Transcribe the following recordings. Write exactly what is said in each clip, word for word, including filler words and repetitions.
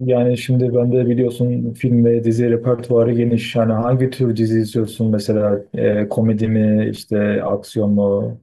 Yani şimdi ben de biliyorsun, film ve dizi repertuarı geniş. Yani hangi tür dizi izliyorsun mesela, E, komedi mi, işte aksiyon mu?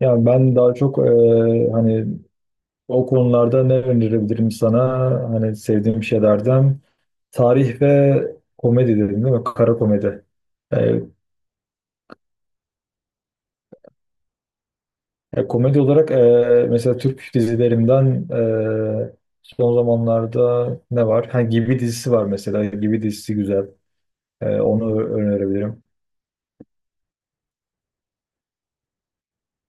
Yani ben daha çok, e, hani o konularda ne önerebilirim sana? Hani sevdiğim şeylerden, tarih ve komedi dedim değil mi? Kara komedi. E, e, Komedi olarak e, mesela Türk dizilerinden, e, son zamanlarda ne var? Ha, Gibi dizisi var mesela. Gibi dizisi güzel. E, onu önerebilirim.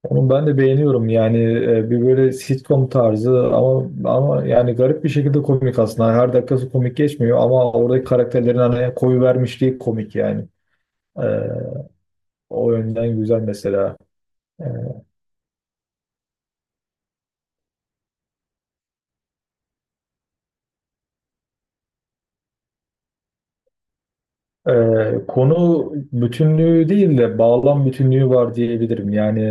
Onu ben de beğeniyorum yani, e, bir böyle sitcom tarzı, ama ama yani garip bir şekilde komik aslında. Her dakikası komik geçmiyor ama oradaki karakterlerin hani koyu vermişliği komik yani. E, O yönden güzel mesela. Ee, konu bütünlüğü değil de bağlam bütünlüğü var diyebilirim. Yani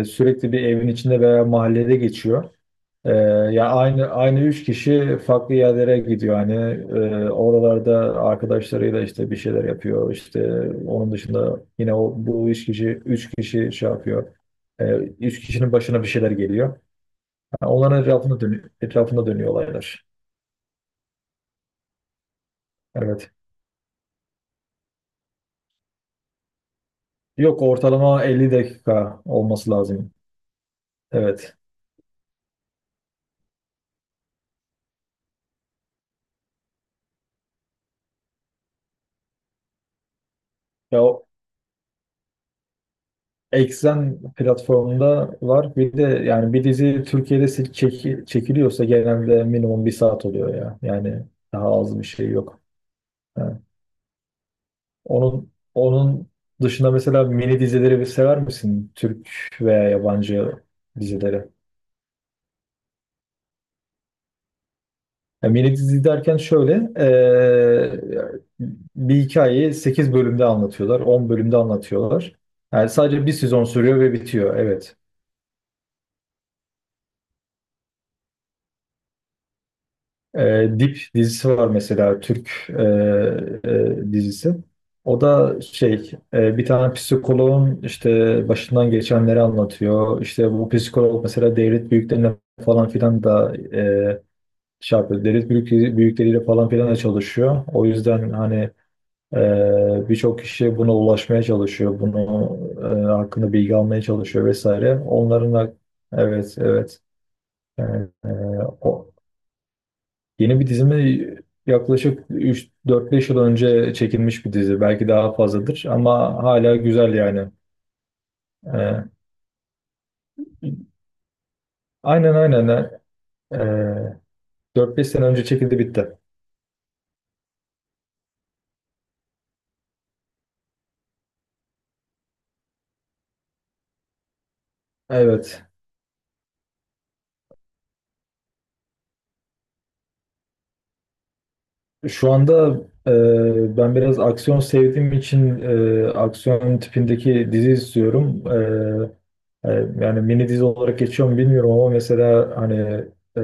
e, sürekli bir evin içinde veya mahallede geçiyor. Ee, Ya aynı aynı üç kişi farklı yerlere gidiyor hani. Ee, oralarda arkadaşlarıyla işte bir şeyler yapıyor, işte onun dışında yine o bu üç kişi üç kişi şey yapıyor. Ee, Üç kişinin başına bir şeyler geliyor, yani onların etrafında dönüyor, etrafında dönüyor olaylar. Evet, yok, ortalama elli dakika olması lazım. Evet ya, o- Exxen platformunda var. Bir de yani bir dizi Türkiye'de se- çeki- çekiliyorsa, genelde minimum bir saat oluyor ya. Yani daha az bir şey yok. Ha. Onun onun dışında mesela mini dizileri bir sever misin? Türk veya yabancı dizileri. Ya mini dizi derken şöyle, eee, bir hikayeyi sekiz bölümde anlatıyorlar, on bölümde anlatıyorlar. Yani sadece bir sezon sürüyor ve bitiyor. Evet. E, Dip dizisi var mesela, Türk e, e, dizisi. O da şey, e, bir tane psikoloğun işte başından geçenleri anlatıyor. İşte bu psikolog mesela devlet büyüklerine falan filan da e, şey yapıyor. Devlet büyük, büyükleriyle falan filan da çalışıyor. O yüzden hani e, birçok kişi buna ulaşmaya çalışıyor. Bunu e, hakkında bilgi almaya çalışıyor vesaire. Onların da evet, evet. Yani, e, o- Yeni bir dizimi? Yaklaşık üç, dört beş yıl önce çekilmiş bir dizi. Belki daha fazladır ama hala güzel yani. Ee, aynen, aynen. Ee, dört beş sene önce çekildi, bitti. Evet. Şu anda e, ben biraz aksiyon sevdiğim için e, aksiyon tipindeki dizi istiyorum. E, e, Yani mini dizi olarak geçiyor mu bilmiyorum ama mesela hani, e,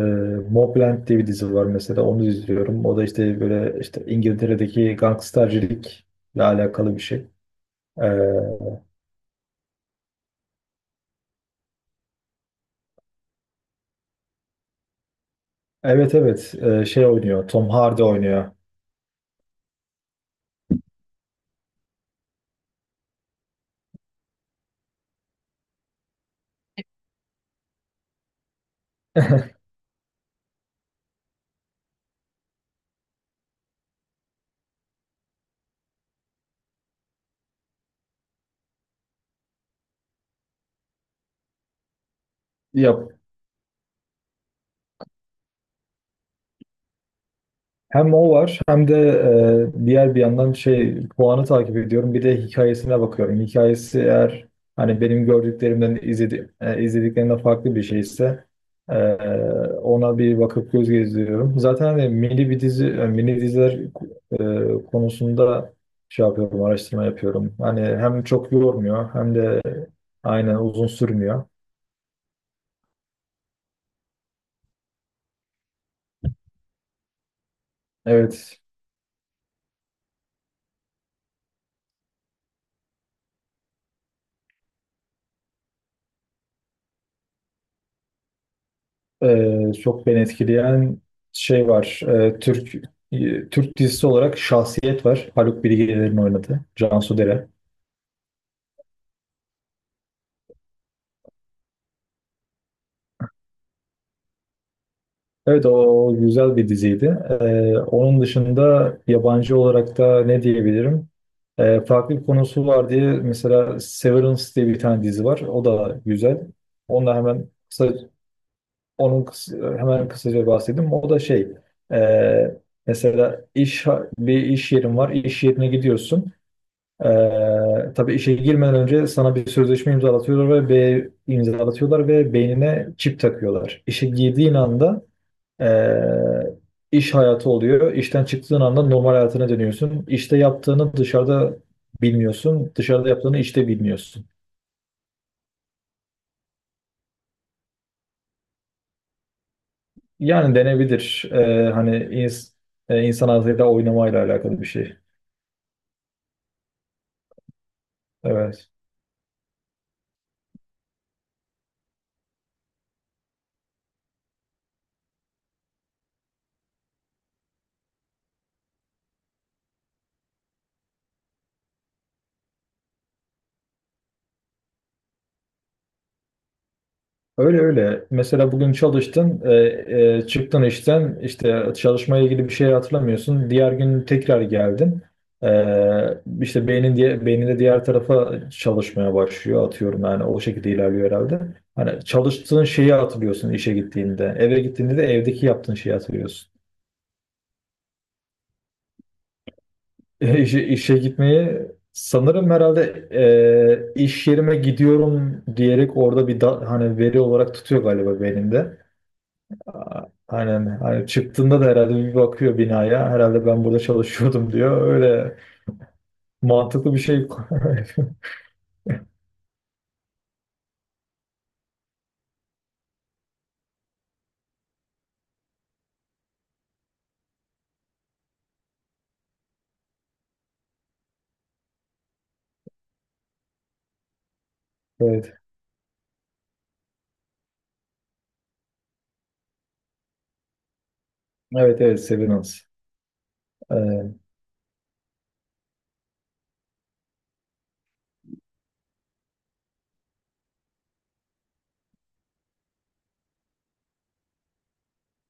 Mobland diye bir dizi var mesela, onu izliyorum. O da işte böyle, işte İngiltere'deki gangstercilikle alakalı bir şey. E, evet, evet, e, şey oynuyor, Tom Hardy oynuyor. Ya, hem o var hem de e, diğer bir yandan şey puanı takip ediyorum. Bir de hikayesine bakıyorum. Hikayesi eğer hani benim gördüklerimden izledi, e, izlediklerimden farklı bir şeyse, e, ona bir bakıp göz gezdiriyorum. Zaten hani mini bir dizi, e, mini diziler e, konusunda şey yapıyorum, araştırma yapıyorum. Hani hem çok yormuyor hem de aynen uzun sürmüyor. Evet. Ee, çok beni etkileyen şey var. Ee, Türk e, Türk dizisi olarak Şahsiyet var. Haluk Bilginer'in oynadığı. Cansu Dere. Evet, o güzel bir diziydi. Ee, onun dışında yabancı olarak da ne diyebilirim? Ee, farklı bir konusu var diye mesela Severance diye bir tane dizi var. O da güzel. Onunla hemen kısa, onun kısa- hemen kısaca bahsedeyim. O da şey, e, mesela iş bir iş yerin var. İş yerine gidiyorsun. Ee, tabii işe girmeden önce sana bir sözleşme imzalatıyorlar ve B imzalatıyorlar ve beynine çip takıyorlar. İşe girdiğin anda ee, iş hayatı oluyor. İşten çıktığın anda normal hayatına dönüyorsun. İşte yaptığını dışarıda bilmiyorsun, dışarıda yaptığını işte bilmiyorsun. Yani denebilir. Ee, hani ins- e, insan ağzıyla oynamayla alakalı bir şey. Evet. Öyle, öyle. Mesela bugün çalıştın, e, e, çıktın işten, işte çalışmaya ilgili bir şey hatırlamıyorsun. Diğer gün tekrar geldin. E, işte beynin diye beyninde diğer tarafa çalışmaya başlıyor, atıyorum yani o şekilde ilerliyor herhalde. Hani çalıştığın şeyi hatırlıyorsun işe gittiğinde. Eve gittiğinde de evdeki yaptığın şeyi hatırlıyorsun. E, işe, işe gitmeyi sanırım herhalde e, iş yerime gidiyorum diyerek orada bir da- hani veri olarak tutuyor galiba beyninde. Aynen. Hani çıktığında da herhalde bir bakıyor binaya. Herhalde ben burada çalışıyordum diyor. Öyle, mantıklı bir şey. Evet. Evet, evet, Severance. Ee,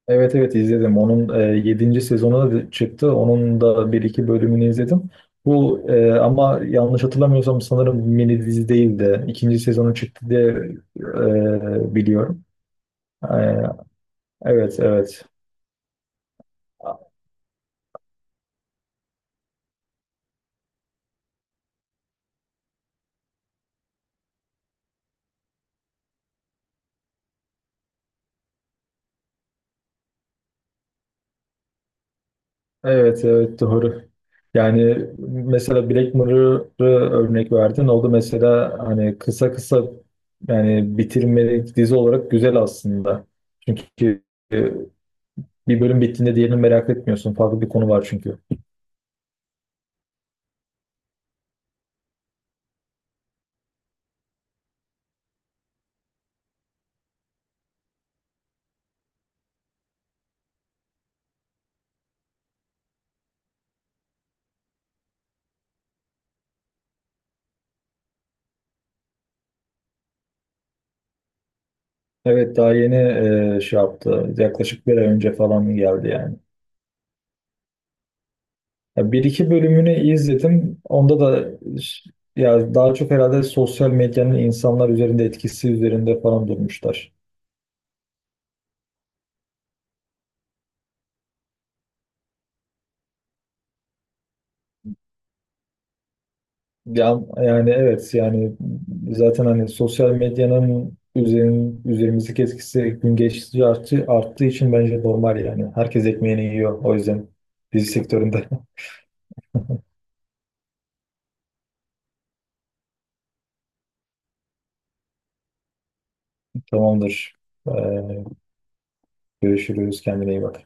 Evet, evet, izledim. Onun e, yedinci sezonu da çıktı. Onun da bir iki bölümünü izledim. Bu e, ama yanlış hatırlamıyorsam sanırım mini dizi değil de ikinci sezonu çıktı diye e, biliyorum. E, evet, evet. Evet, evet, doğru. Yani mesela Black Mirror'ı örnek verdin. O da mesela hani kısa kısa, yani bitirmelik dizi olarak güzel aslında. Çünkü e, bir bölüm bittiğinde diğerini merak etmiyorsun. Farklı bir konu var çünkü. Evet, daha yeni e, şey yaptı. Yaklaşık bir ay önce falan geldi yani. Ya, bir iki bölümünü izledim. Onda da ş- ya daha çok herhalde sosyal medyanın insanlar üzerinde etkisi üzerinde falan durmuşlar. Ya, yani evet yani, zaten hani sosyal medyanın üzerin, üzerimizdeki etkisi gün geçtikçe arttı, arttığı için bence normal yani. Herkes ekmeğini yiyor o yüzden dizi sektöründe. Tamamdır. Ee, Görüşürüz. Kendine iyi bak.